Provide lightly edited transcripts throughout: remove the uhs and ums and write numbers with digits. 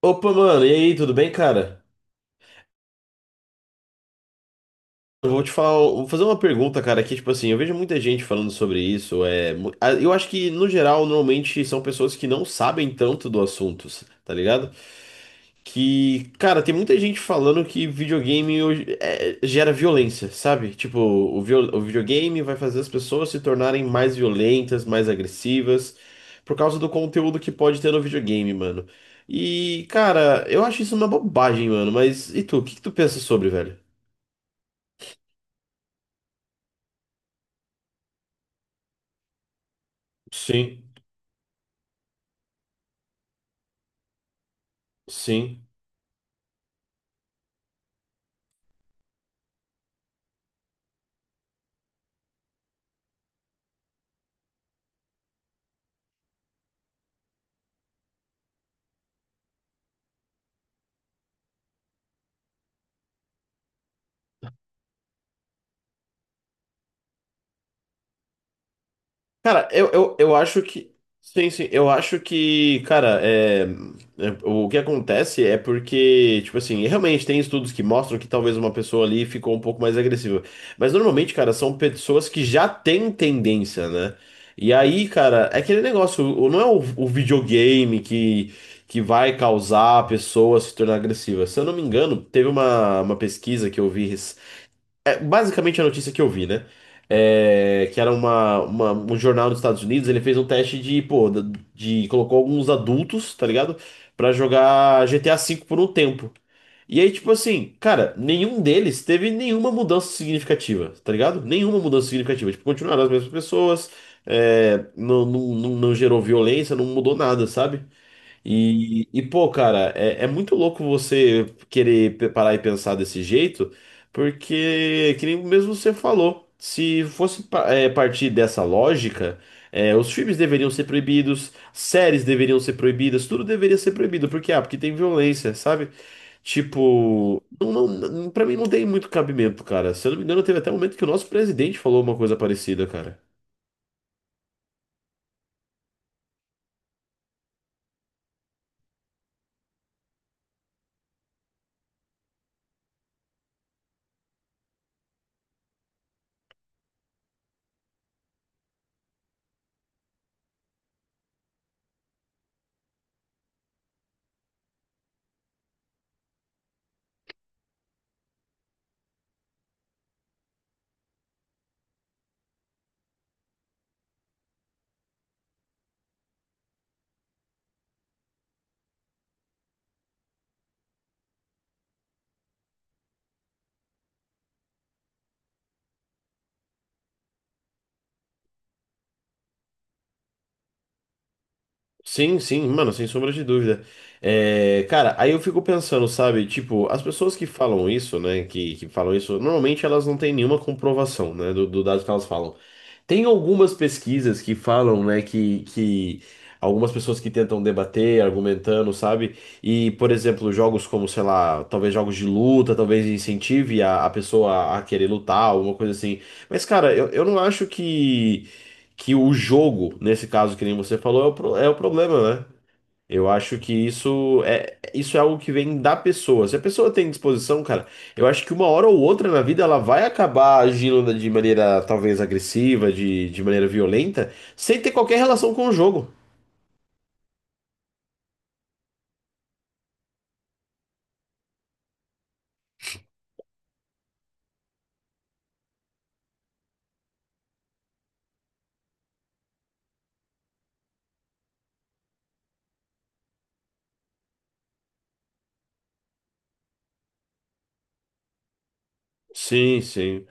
Opa, mano, e aí, tudo bem, cara? Eu vou te falar, vou fazer uma pergunta, cara, que, tipo assim, eu vejo muita gente falando sobre isso, eu acho que, no geral, normalmente são pessoas que não sabem tanto do assunto, tá ligado? Que, cara, tem muita gente falando que videogame gera violência, sabe? Tipo, o videogame vai fazer as pessoas se tornarem mais violentas, mais agressivas, por causa do conteúdo que pode ter no videogame, mano. E, cara, eu acho isso uma bobagem, mano, mas e tu? O que que tu pensa sobre, velho? Sim, sim. Cara, eu acho que. Sim, sim. Eu acho que, cara, o que acontece é porque, tipo assim, realmente tem estudos que mostram que talvez uma pessoa ali ficou um pouco mais agressiva. Mas normalmente, cara, são pessoas que já têm tendência, né? E aí, cara, é aquele negócio, não é o videogame que vai causar a pessoa se tornar agressiva. Se eu não me engano, teve uma pesquisa que eu vi. Basicamente a notícia que eu vi, né? É, que era um jornal dos Estados Unidos, ele fez um teste de, colocou alguns adultos, tá ligado? Pra jogar GTA V por um tempo. E aí, tipo assim, cara, nenhum deles teve nenhuma mudança significativa, tá ligado? Nenhuma mudança significativa. Tipo, continuaram as mesmas pessoas, é, não gerou violência, não mudou nada, sabe? Pô, cara, é muito louco você querer parar e pensar desse jeito, porque, que nem mesmo você falou, se fosse partir dessa lógica, é, os filmes deveriam ser proibidos, séries deveriam ser proibidas, tudo deveria ser proibido, porque, ah, porque tem violência, sabe? Tipo, pra mim não tem muito cabimento, cara. Se eu não me engano, teve até um momento que o nosso presidente falou uma coisa parecida, cara. Sim, sim, mano, sem sombra de dúvida. É, cara, aí eu fico pensando, sabe? Tipo, as pessoas que falam isso, né? Que falam isso, normalmente elas não têm nenhuma comprovação, né? Do, do dado que elas falam. Tem algumas pesquisas que falam, né? Que algumas pessoas que tentam debater, argumentando, sabe? E, por exemplo, jogos como, sei lá, talvez jogos de luta, talvez incentive a pessoa a querer lutar, alguma coisa assim. Mas, cara, eu não acho que o jogo, nesse caso que nem você falou, é é o problema, né? Eu acho que isso é algo que vem da pessoa. Se a pessoa tem disposição, cara, eu acho que uma hora ou outra na vida ela vai acabar agindo de maneira talvez agressiva, de maneira violenta, sem ter qualquer relação com o jogo. Sim, sim.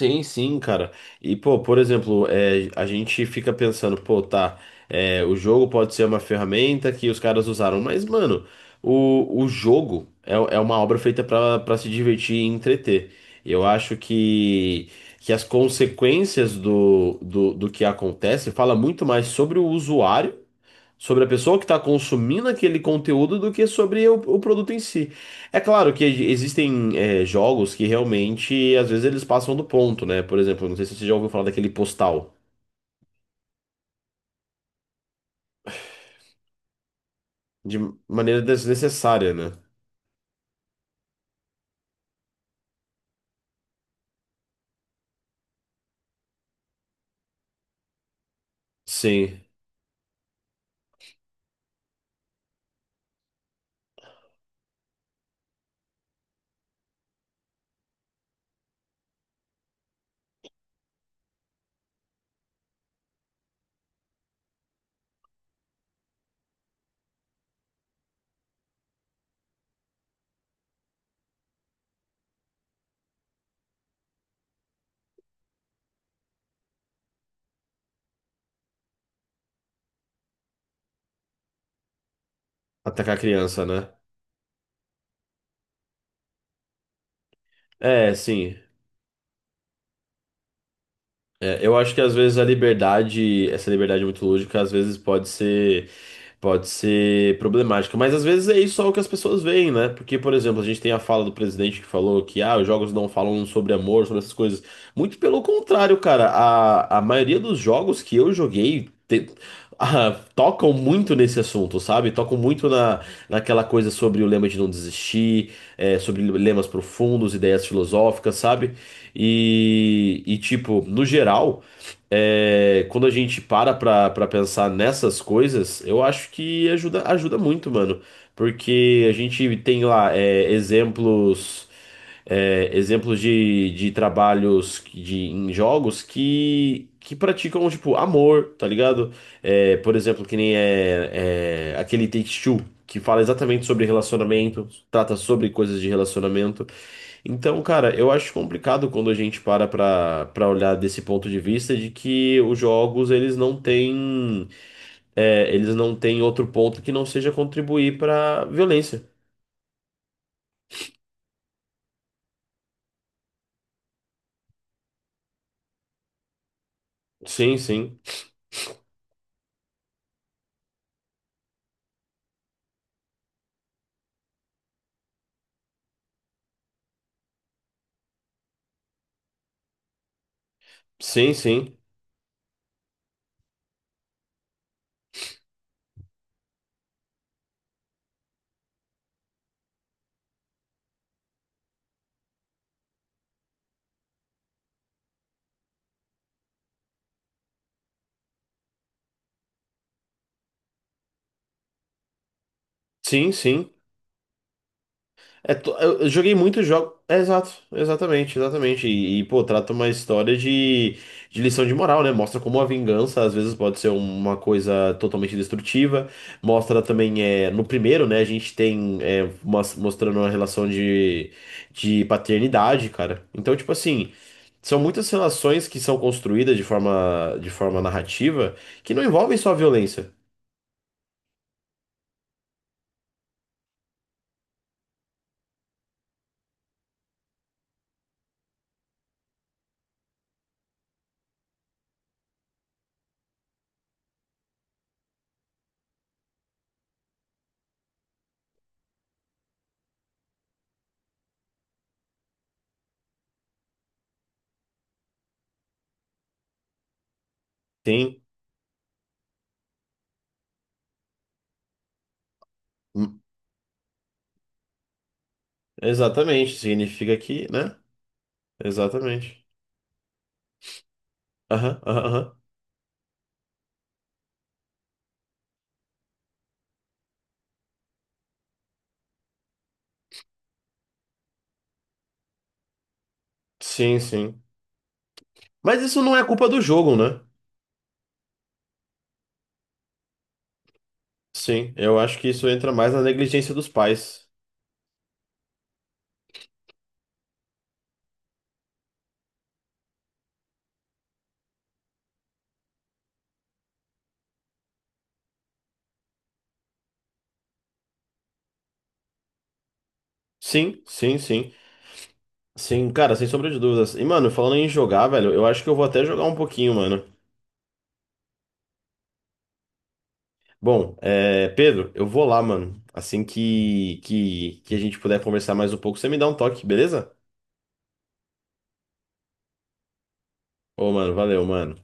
Sim, sim, cara. E, pô, por exemplo, é, a gente fica pensando, pô, tá, é, o jogo pode ser uma ferramenta que os caras usaram, mas, mano, o jogo é, é uma obra feita pra para se divertir e entreter. Eu acho que as consequências do que acontece fala muito mais sobre o usuário, sobre a pessoa que está consumindo aquele conteúdo do que sobre o produto em si. É claro que existem é, jogos que realmente, às vezes, eles passam do ponto, né? Por exemplo, não sei se você já ouviu falar daquele postal, de maneira desnecessária, né? Sim, atacar a criança, né? É, sim. É, eu acho que às vezes a liberdade, essa liberdade muito lúdica, às vezes pode ser, pode ser problemática. Mas às vezes é isso só o que as pessoas veem, né? Porque, por exemplo, a gente tem a fala do presidente que falou que ah, os jogos não falam sobre amor, sobre essas coisas. Muito pelo contrário, cara. A maioria dos jogos que eu joguei. Ah, tocam muito nesse assunto, sabe? Tocam muito na, naquela coisa sobre o lema de não desistir, é, sobre lemas profundos, ideias filosóficas, sabe? E tipo, no geral, é, quando a gente para pra, pra pensar nessas coisas, eu acho que ajuda, ajuda muito, mano. Porque a gente tem lá é, exemplos de trabalhos de, em jogos que praticam, tipo, amor, tá ligado? É, por exemplo, que nem é aquele Take-Two, que fala exatamente sobre relacionamento, trata sobre coisas de relacionamento. Então, cara, eu acho complicado quando a gente para pra, pra olhar desse ponto de vista de que os jogos, eles não têm, é, eles não têm outro ponto que não seja contribuir pra violência. Sim, sim. Sim, sim. Sim, sim. É, eu joguei muitos jogos. É, exato, exatamente, exatamente. E, pô, trata uma história de lição de moral, né? Mostra como a vingança às vezes pode ser uma coisa totalmente destrutiva. Mostra também, é, no primeiro, né? A gente tem é, mostrando uma relação de paternidade, cara. Então, tipo assim, são muitas relações que são construídas de forma narrativa que não envolvem só violência. Tem. Hum. Exatamente, significa que, né? Exatamente. Aham, aham, aham. Sim, sim. Mas isso não é culpa do jogo, né? Sim, eu acho que isso entra mais na negligência dos pais. Sim, sim, sim. Sim, cara, sem sombra de dúvidas. E, mano, falando em jogar, velho, eu acho que eu vou até jogar um pouquinho, mano. Bom, é, Pedro, eu vou lá, mano. Assim que a gente puder conversar mais um pouco, você me dá um toque, beleza? Ô, mano, valeu, mano.